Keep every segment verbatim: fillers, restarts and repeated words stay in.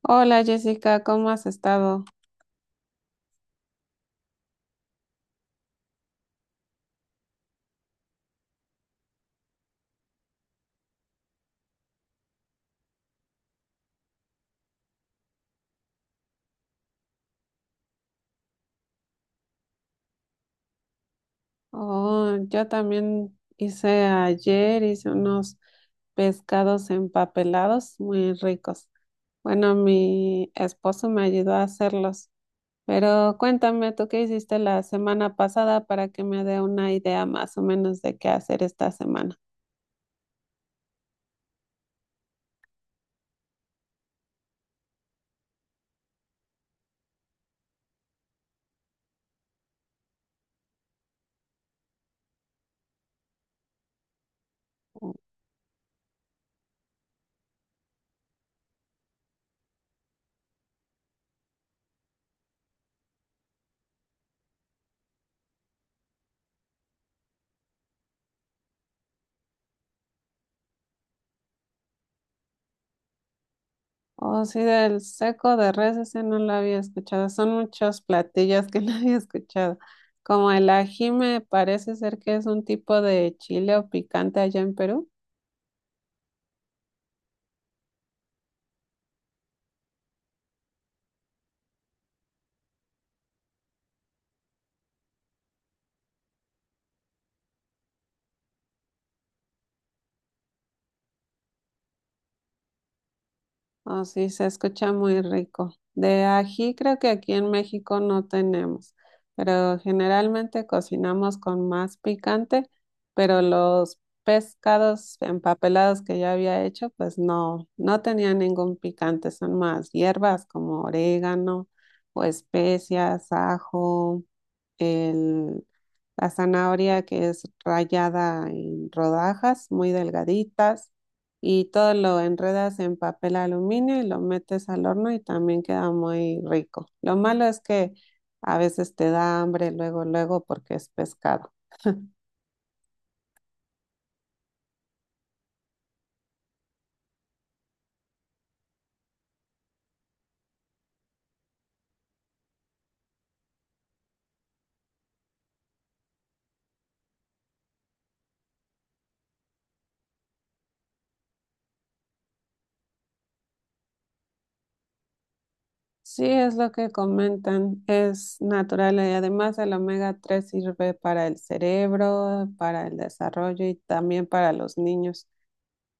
Hola Jessica, ¿cómo has estado? Oh, yo también hice ayer, hice unos pescados empapelados muy ricos. Bueno, mi esposo me ayudó a hacerlos, pero cuéntame, ¿tú qué hiciste la semana pasada para que me dé una idea más o menos de qué hacer esta semana? Oh, sí, del seco de res, ese no lo había escuchado. Son muchos platillos que no había escuchado. Como el ají me parece ser que es un tipo de chile o picante allá en Perú. Oh, sí, se escucha muy rico. De ají creo que aquí en México no tenemos, pero generalmente cocinamos con más picante, pero los pescados empapelados que yo había hecho, pues no, no tenían ningún picante, son más hierbas como orégano o especias, ajo, el- la zanahoria, que es rallada en rodajas muy delgaditas, y todo lo enredas en papel aluminio y lo metes al horno y también queda muy rico. Lo malo es que a veces te da hambre luego, luego porque es pescado. Sí, es lo que comentan, es natural y además el omega tres sirve para el cerebro, para el desarrollo y también para los niños.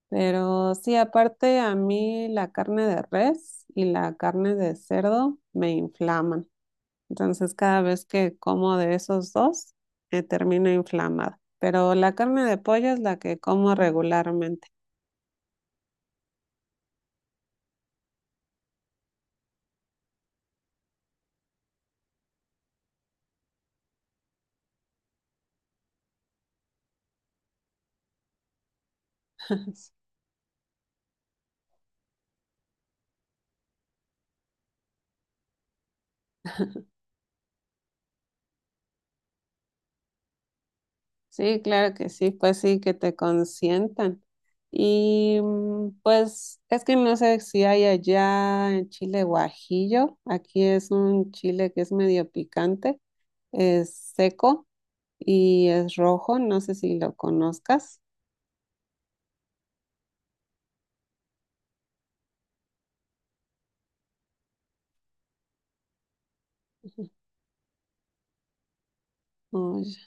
Pero sí, aparte a mí la carne de res y la carne de cerdo me inflaman. Entonces cada vez que como de esos dos, eh, termino inflamada. Pero la carne de pollo es la que como regularmente. Sí, claro que sí, pues sí, que te consientan. Y mm, pues es que no sé si hay allá en Chile guajillo. Aquí es un chile que es medio picante, es seco y es rojo, no sé si lo conozcas. Oh, ya.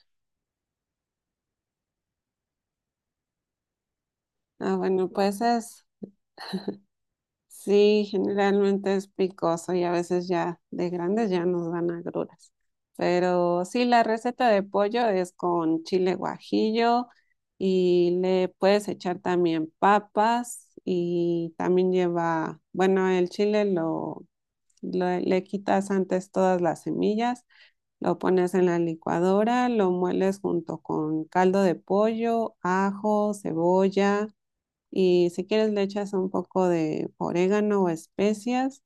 Ah, bueno, pues es, sí, generalmente es picoso y a veces ya de grandes ya nos dan agruras. Pero sí, la receta de pollo es con chile guajillo y le puedes echar también papas y también lleva, bueno, el chile lo, lo- le quitas antes todas las semillas. Lo pones en la licuadora, lo mueles junto con caldo de pollo, ajo, cebolla. Y si quieres le echas un poco de orégano o especias,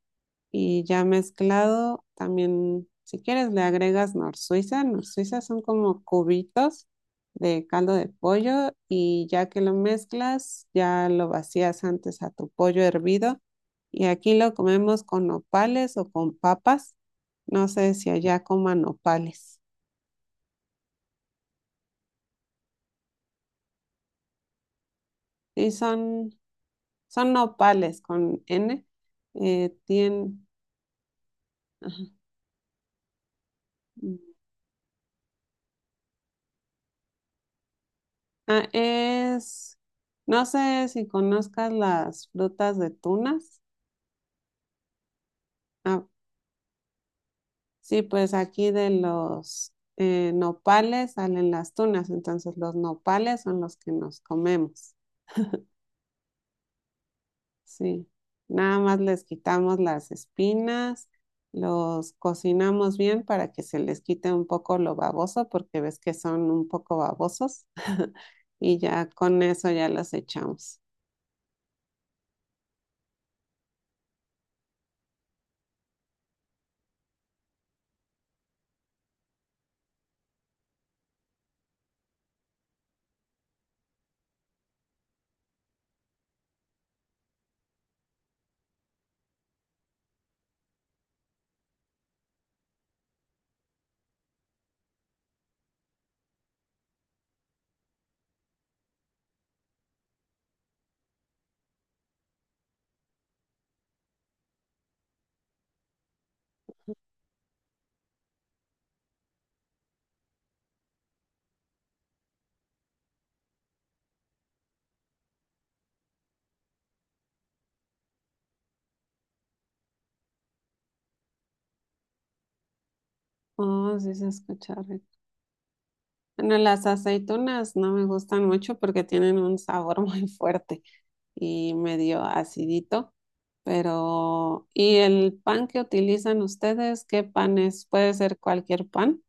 y ya mezclado, también si quieres le agregas nor Suiza. Nor Suiza son como cubitos de caldo de pollo, y ya que lo mezclas, ya lo vacías antes a tu pollo hervido, y aquí lo comemos con nopales o con papas. No sé si allá coman nopales. Sí, son, son nopales con N. Eh, tien- ajá. Ah, es, no sé si conozcas las frutas de tunas. Ah, sí, pues aquí de los eh, nopales salen las tunas, entonces los nopales son los que nos comemos. Sí, nada más les quitamos las espinas, los cocinamos bien para que se les quite un poco lo baboso, porque ves que son un poco babosos, y ya con eso ya los echamos. Oh, sí se escucha rico. Bueno, las aceitunas no me gustan mucho porque tienen un sabor muy fuerte y medio acidito, pero ¿y el pan que utilizan ustedes? ¿Qué pan es? ¿Puede ser cualquier pan?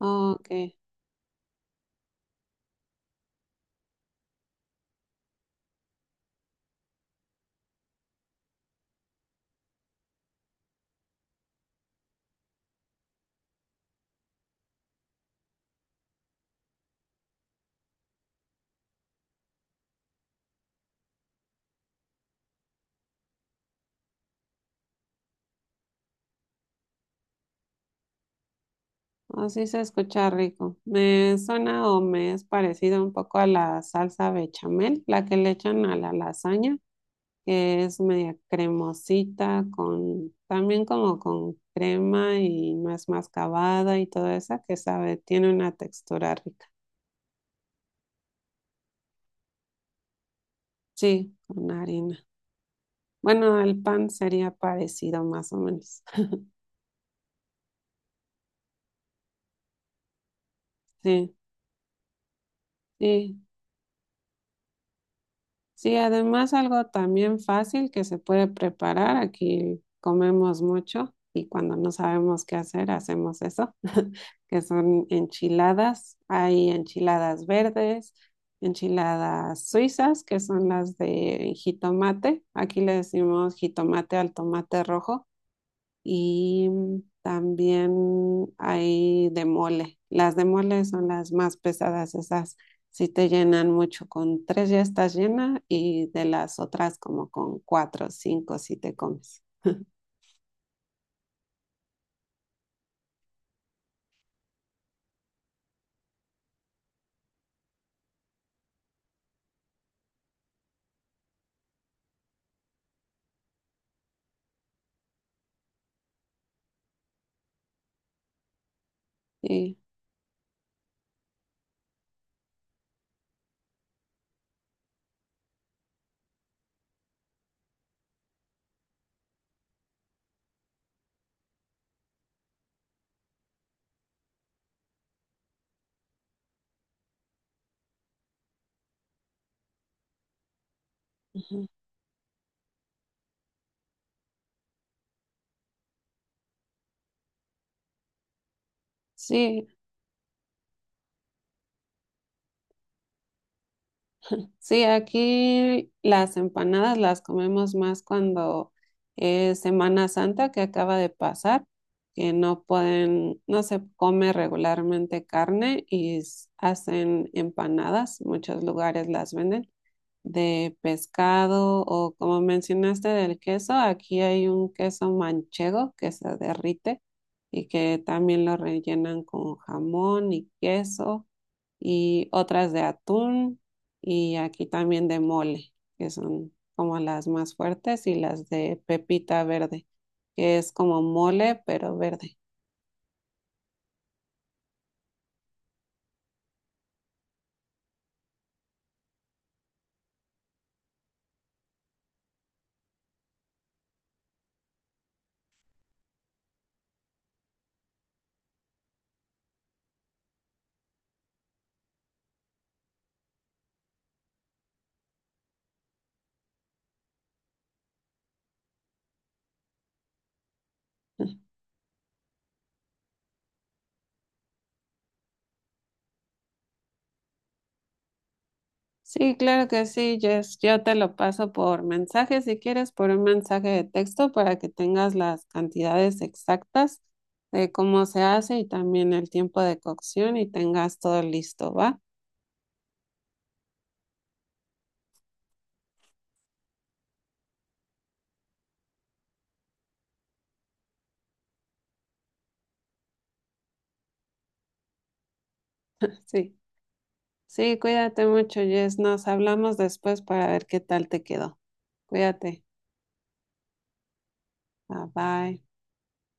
Oh, ok, oh, sí se escucha rico. Me suena o me es parecido un poco a la salsa bechamel, la que le echan a la lasaña, que es media cremosita, con también como con crema y más mascabada y toda esa que sabe, tiene una textura rica. Sí, con harina. Bueno, el pan sería parecido más o menos. Sí, sí, sí, además algo también fácil que se puede preparar. Aquí comemos mucho y cuando no sabemos qué hacer, hacemos eso, que son enchiladas. Hay enchiladas verdes, enchiladas suizas, que son las de jitomate. Aquí le decimos jitomate al tomate rojo, y también hay de mole. Las de mole son las más pesadas, esas sí te llenan mucho. Con tres ya estás llena y de las otras como con cuatro o cinco si te comes. Sí, ujú. Sí, sí, aquí las empanadas las comemos más cuando es Semana Santa, que acaba de pasar, que no pueden, no se come regularmente carne y s- hacen empanadas, muchos lugares las venden de pescado o como mencionaste del queso, aquí hay un queso manchego que se derrite y que también lo rellenan con jamón y queso, y otras de atún, y aquí también de mole, que son como las más fuertes, y las de pepita verde, que es como mole pero verde. Sí, claro que sí, Jess. Yo te lo paso por mensaje, si quieres, por un mensaje de texto para que tengas las cantidades exactas de cómo se hace y también el tiempo de cocción y tengas todo listo, ¿va? Sí. Sí, cuídate mucho, Jess. Nos hablamos después para ver qué tal te quedó. Cuídate. Bye bye.